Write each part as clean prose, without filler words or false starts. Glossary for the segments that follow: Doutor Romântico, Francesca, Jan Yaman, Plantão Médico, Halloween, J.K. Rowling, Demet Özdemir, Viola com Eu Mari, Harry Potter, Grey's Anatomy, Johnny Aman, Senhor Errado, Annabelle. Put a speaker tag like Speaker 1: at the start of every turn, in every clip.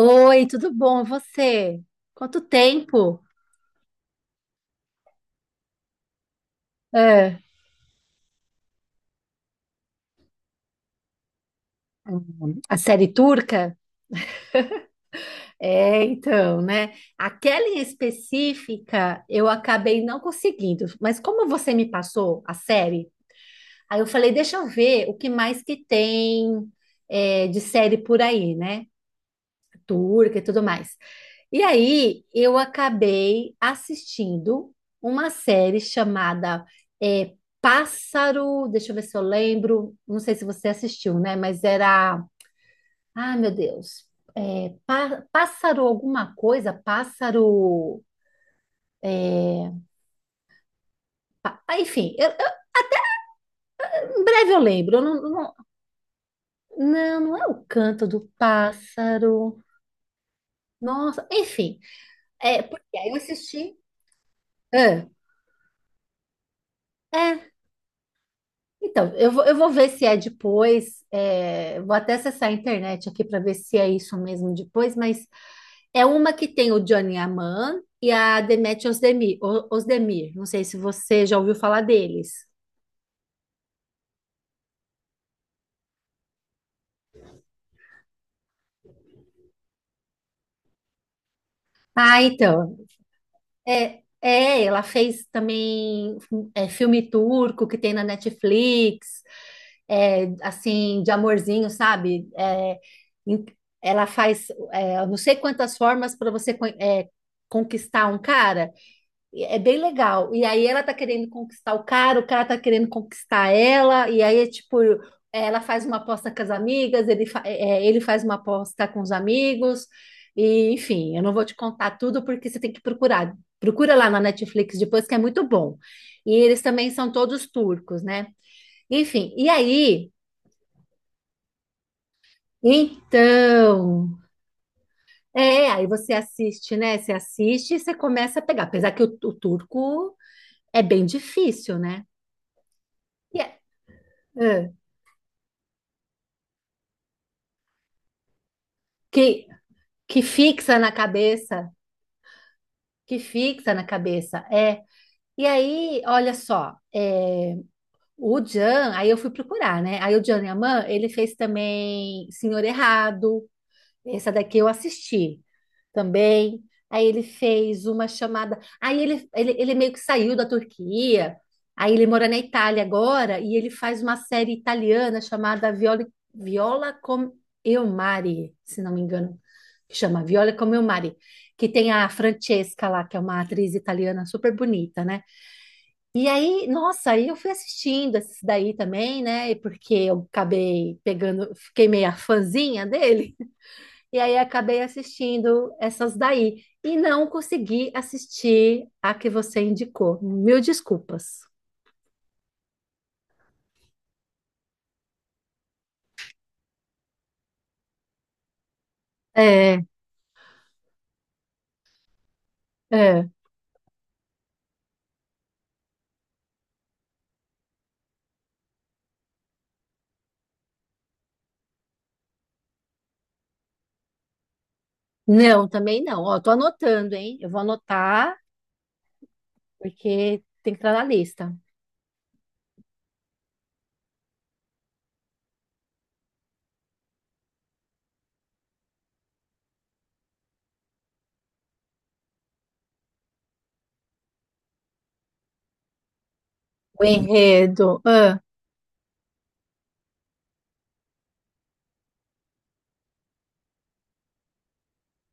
Speaker 1: Oi, tudo bom? E você? Quanto tempo? É, a série turca? Então, né? Aquela em específica eu acabei não conseguindo, mas como você me passou a série, aí eu falei, deixa eu ver o que mais que tem de série por aí, né? Turca e tudo mais. E aí eu acabei assistindo uma série chamada é, Pássaro. Deixa eu ver se eu lembro. Não sei se você assistiu, né? Mas era. Ah, meu Deus. É, pássaro alguma coisa? Pássaro. é, enfim, em breve eu lembro. Eu não, não, não, não é o canto do pássaro. Nossa, enfim. É, porque aí eu assisti. Ah, é. Então, eu vou ver se é depois. Vou até acessar a internet aqui para ver se é isso mesmo depois, mas é uma que tem o Johnny Aman e a Demet Özdemir, Özdemir. Não sei se você já ouviu falar deles. Ah, então. Ela fez também filme turco que tem na Netflix, assim, de amorzinho, sabe? Em- Ela faz, eu não sei quantas formas para você conquistar um cara. E é bem legal. E aí ela tá querendo conquistar o cara tá querendo conquistar ela, e aí é tipo, ela faz uma aposta com as amigas, ele, fa- é, é, ele faz uma aposta com os amigos, e enfim, eu não vou te contar tudo porque você tem que procurar. Procura lá na Netflix depois, que é muito bom. E eles também são todos turcos, né? Enfim, e aí, então, aí você assiste, né? Você assiste e você começa a pegar, apesar que o turco é bem difícil, né? E é- que, que fixa na cabeça, que fixa na cabeça, é. E aí, olha só, o Jan, aí eu fui procurar, né? Aí o Jan Yaman, ele fez também Senhor Errado, essa daqui eu assisti também. Aí ele fez uma chamada. Aí ele meio que saiu da Turquia. Aí ele mora na Itália agora e ele faz uma série italiana chamada Viola, Viola com Eu Mari, se não me engano, que chama Viola com Eu Mari, que tem a Francesca lá, que é uma atriz italiana super bonita, né? E aí, nossa, aí eu fui assistindo esse daí também, né? Porque eu acabei pegando, fiquei meio a fãzinha dele. E aí acabei assistindo essas daí. E não consegui assistir a que você indicou. Mil desculpas. É, é. Não, também não. Ó, tô anotando, hein? Eu vou anotar, porque tem que estar na lista. O enredo. Ah,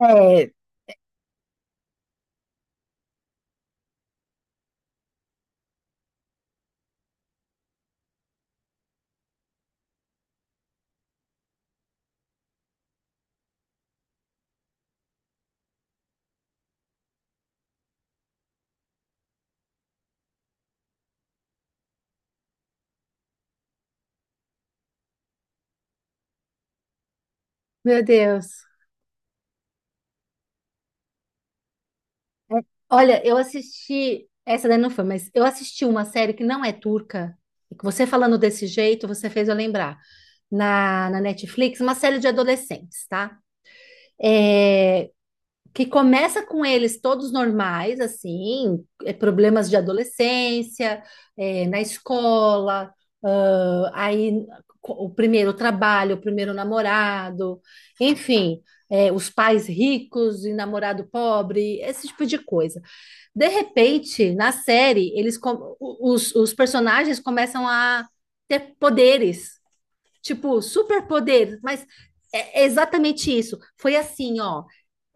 Speaker 1: é, meu Deus. É, olha, eu assisti. Essa daí não foi, mas eu assisti uma série que não é turca. E que você falando desse jeito, você fez eu lembrar. Na Netflix, uma série de adolescentes, tá? É, que começa com eles todos normais, assim, problemas de adolescência, na escola, ah, aí o primeiro trabalho, o primeiro namorado, enfim, os pais ricos e namorado pobre, esse tipo de coisa. De repente, na série, os personagens começam a ter poderes, tipo, superpoderes, mas é exatamente isso. Foi assim, ó.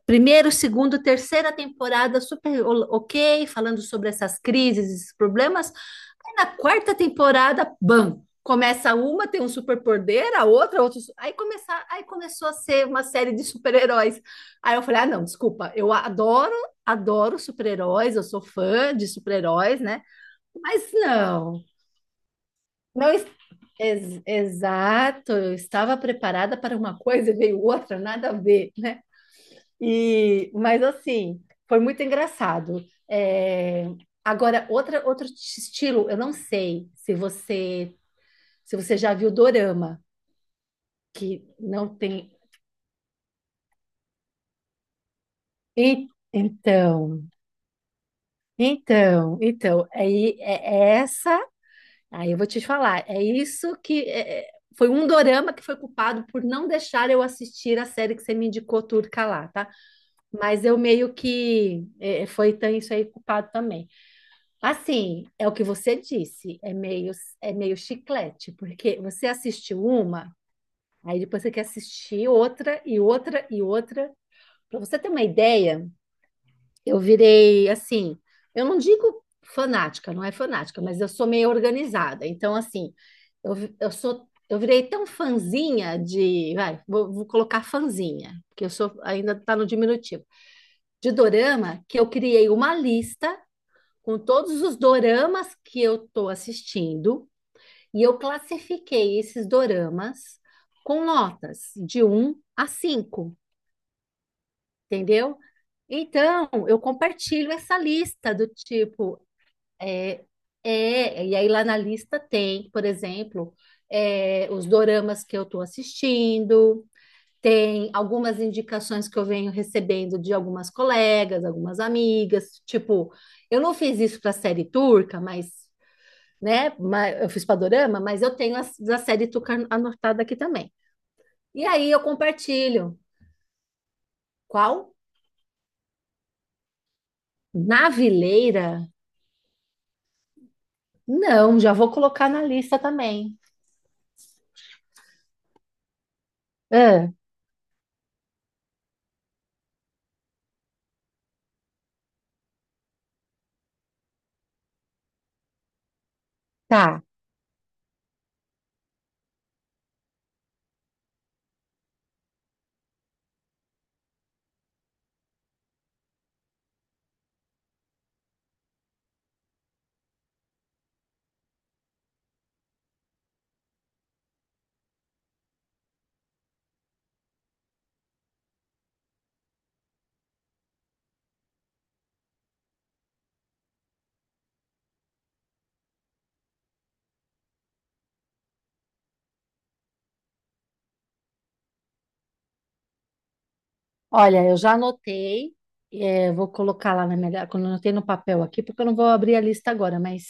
Speaker 1: Primeiro, segundo, terceira temporada super ok, falando sobre essas crises, esses problemas. Aí na quarta temporada, bam, começa uma, tem um superpoder, a outra, outro. Aí começou a ser uma série de super-heróis. Aí eu falei, ah, não, desculpa, eu adoro, adoro super-heróis, eu sou fã de super-heróis, né? Mas não, não es- ex- Exato, eu estava preparada para uma coisa e veio outra, nada a ver, né? E, mas assim, foi muito engraçado. É, agora, outra, outro estilo, eu não sei se você já viu Dorama, que não tem. E- Então, aí é essa. Aí eu vou te falar. É isso que é, foi um dorama que foi culpado por não deixar eu assistir a série que você me indicou, turca lá, tá? Mas eu meio que foi então, isso aí culpado também. Assim, é o que você disse, é meio chiclete, porque você assiste uma, aí depois você quer assistir outra e outra e outra. Para você ter uma ideia, eu virei assim, eu não digo fanática, não é fanática, mas eu sou meio organizada. Então, assim, eu, vi- eu sou, eu virei tão fãzinha de, vai, vou colocar fãzinha, porque eu sou ainda tá no diminutivo, de dorama, que eu criei uma lista com todos os doramas que eu estou assistindo e eu classifiquei esses doramas com notas de um a cinco, entendeu? Então, eu compartilho essa lista do tipo, e aí lá na lista tem, por exemplo, os doramas que eu estou assistindo, tem algumas indicações que eu venho recebendo de algumas colegas, algumas amigas, tipo, eu não fiz isso para a série turca, mas né? Mas eu fiz Padorama, mas eu tenho a série Tuca anotada aqui também. E aí eu compartilho. Qual? Navileira? Não, já vou colocar na lista também. Ah, tá. Olha, eu já anotei. É, vou colocar lá na minha. Quando eu anotei no papel aqui, porque eu não vou abrir a lista agora, mas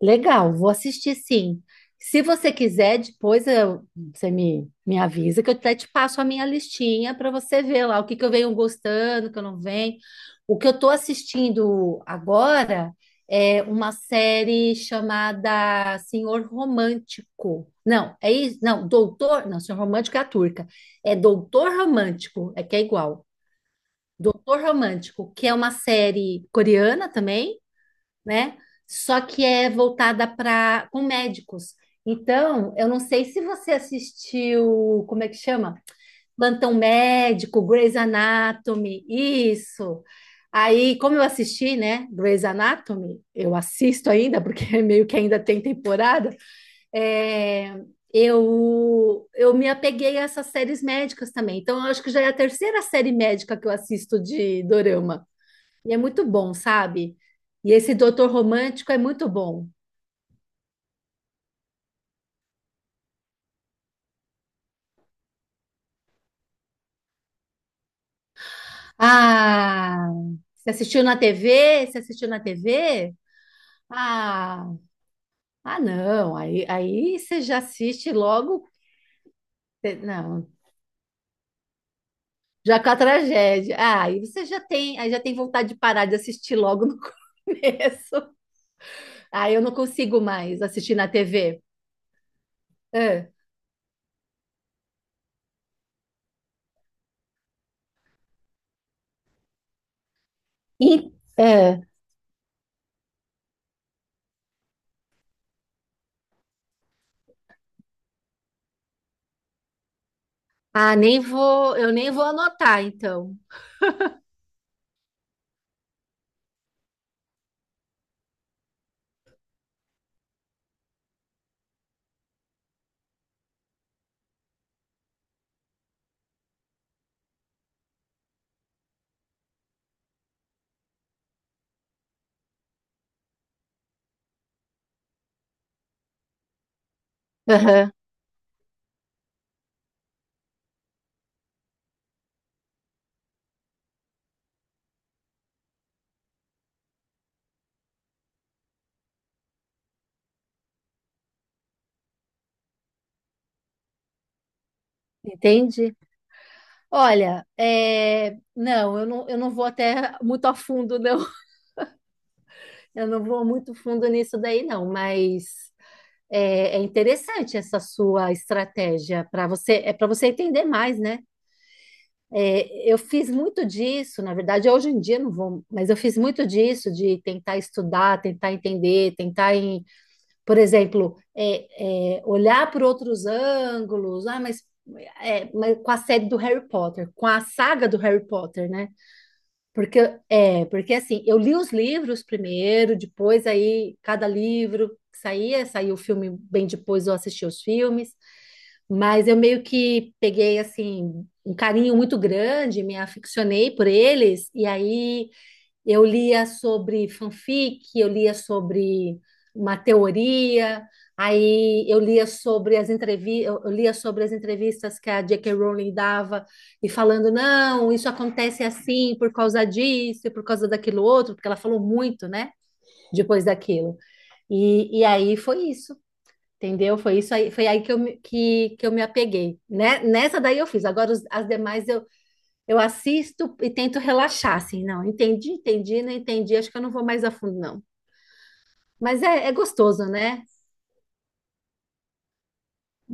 Speaker 1: legal, vou assistir sim. Se você quiser, depois eu- você me, me avisa que eu até te passo a minha listinha para você ver lá o que que eu venho gostando, o que eu não venho. O que eu estou assistindo agora é uma série chamada Senhor Romântico. Não, é isso? Não, Doutor. Não, Senhor Romântico é a turca. É Doutor Romântico, é que é igual. Doutor Romântico, que é uma série coreana também, né? Só que é voltada para com médicos. Então, eu não sei se você assistiu, como é que chama? Plantão Médico, Grey's Anatomy, isso. Aí, como eu assisti, né, Grey's Anatomy, eu assisto ainda, porque meio que ainda tem temporada, é, eu me apeguei a essas séries médicas também. Então, eu acho que já é a terceira série médica que eu assisto de dorama. E é muito bom, sabe? E esse Doutor Romântico é muito bom. Ah, você assistiu na TV? Você assistiu na TV? Ah, ah não. Aí, aí você já assiste logo. Não, já com a tragédia. Ah, aí você já tem, aí já tem vontade de parar de assistir logo no começo. Ah, eu não consigo mais assistir na TV. Ah, e- ah, ah, nem vou, eu nem vou anotar, então. Aham, entendi. Olha, não, eu não vou até muito a fundo, não. Eu não vou muito fundo nisso daí, não. Mas é interessante essa sua estratégia para você, é para você entender mais, né? É, eu fiz muito disso, na verdade, hoje em dia eu não vou, mas eu fiz muito disso de tentar estudar, tentar entender, por exemplo, olhar por outros ângulos. Ah, mas, mas com a série do Harry Potter, com a saga do Harry Potter, né? Porque, porque assim, eu li os livros primeiro, depois aí cada livro que saía, saiu o filme bem depois eu assisti os filmes, mas eu meio que peguei assim um carinho muito grande, me aficionei por eles, e aí eu lia sobre fanfic, eu lia sobre uma teoria, aí eu lia sobre as entrevistas, eu lia sobre as entrevistas que a J.K. Rowling dava e falando, não, isso acontece assim por causa disso, e por causa daquilo outro, porque ela falou muito, né, depois daquilo. E aí foi isso. Entendeu? Foi isso aí, foi aí que que eu me apeguei, né? Nessa daí eu fiz. Agora as demais eu assisto e tento relaxar, assim, não, entendi, entendi, não entendi, acho que eu não vou mais a fundo, não. Mas é, é gostoso, né?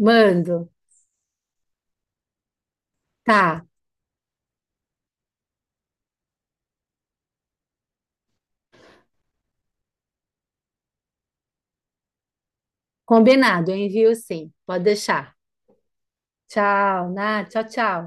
Speaker 1: Mando. Tá, combinado, eu envio sim. Pode deixar. Tchau, Nath, tchau, tchau.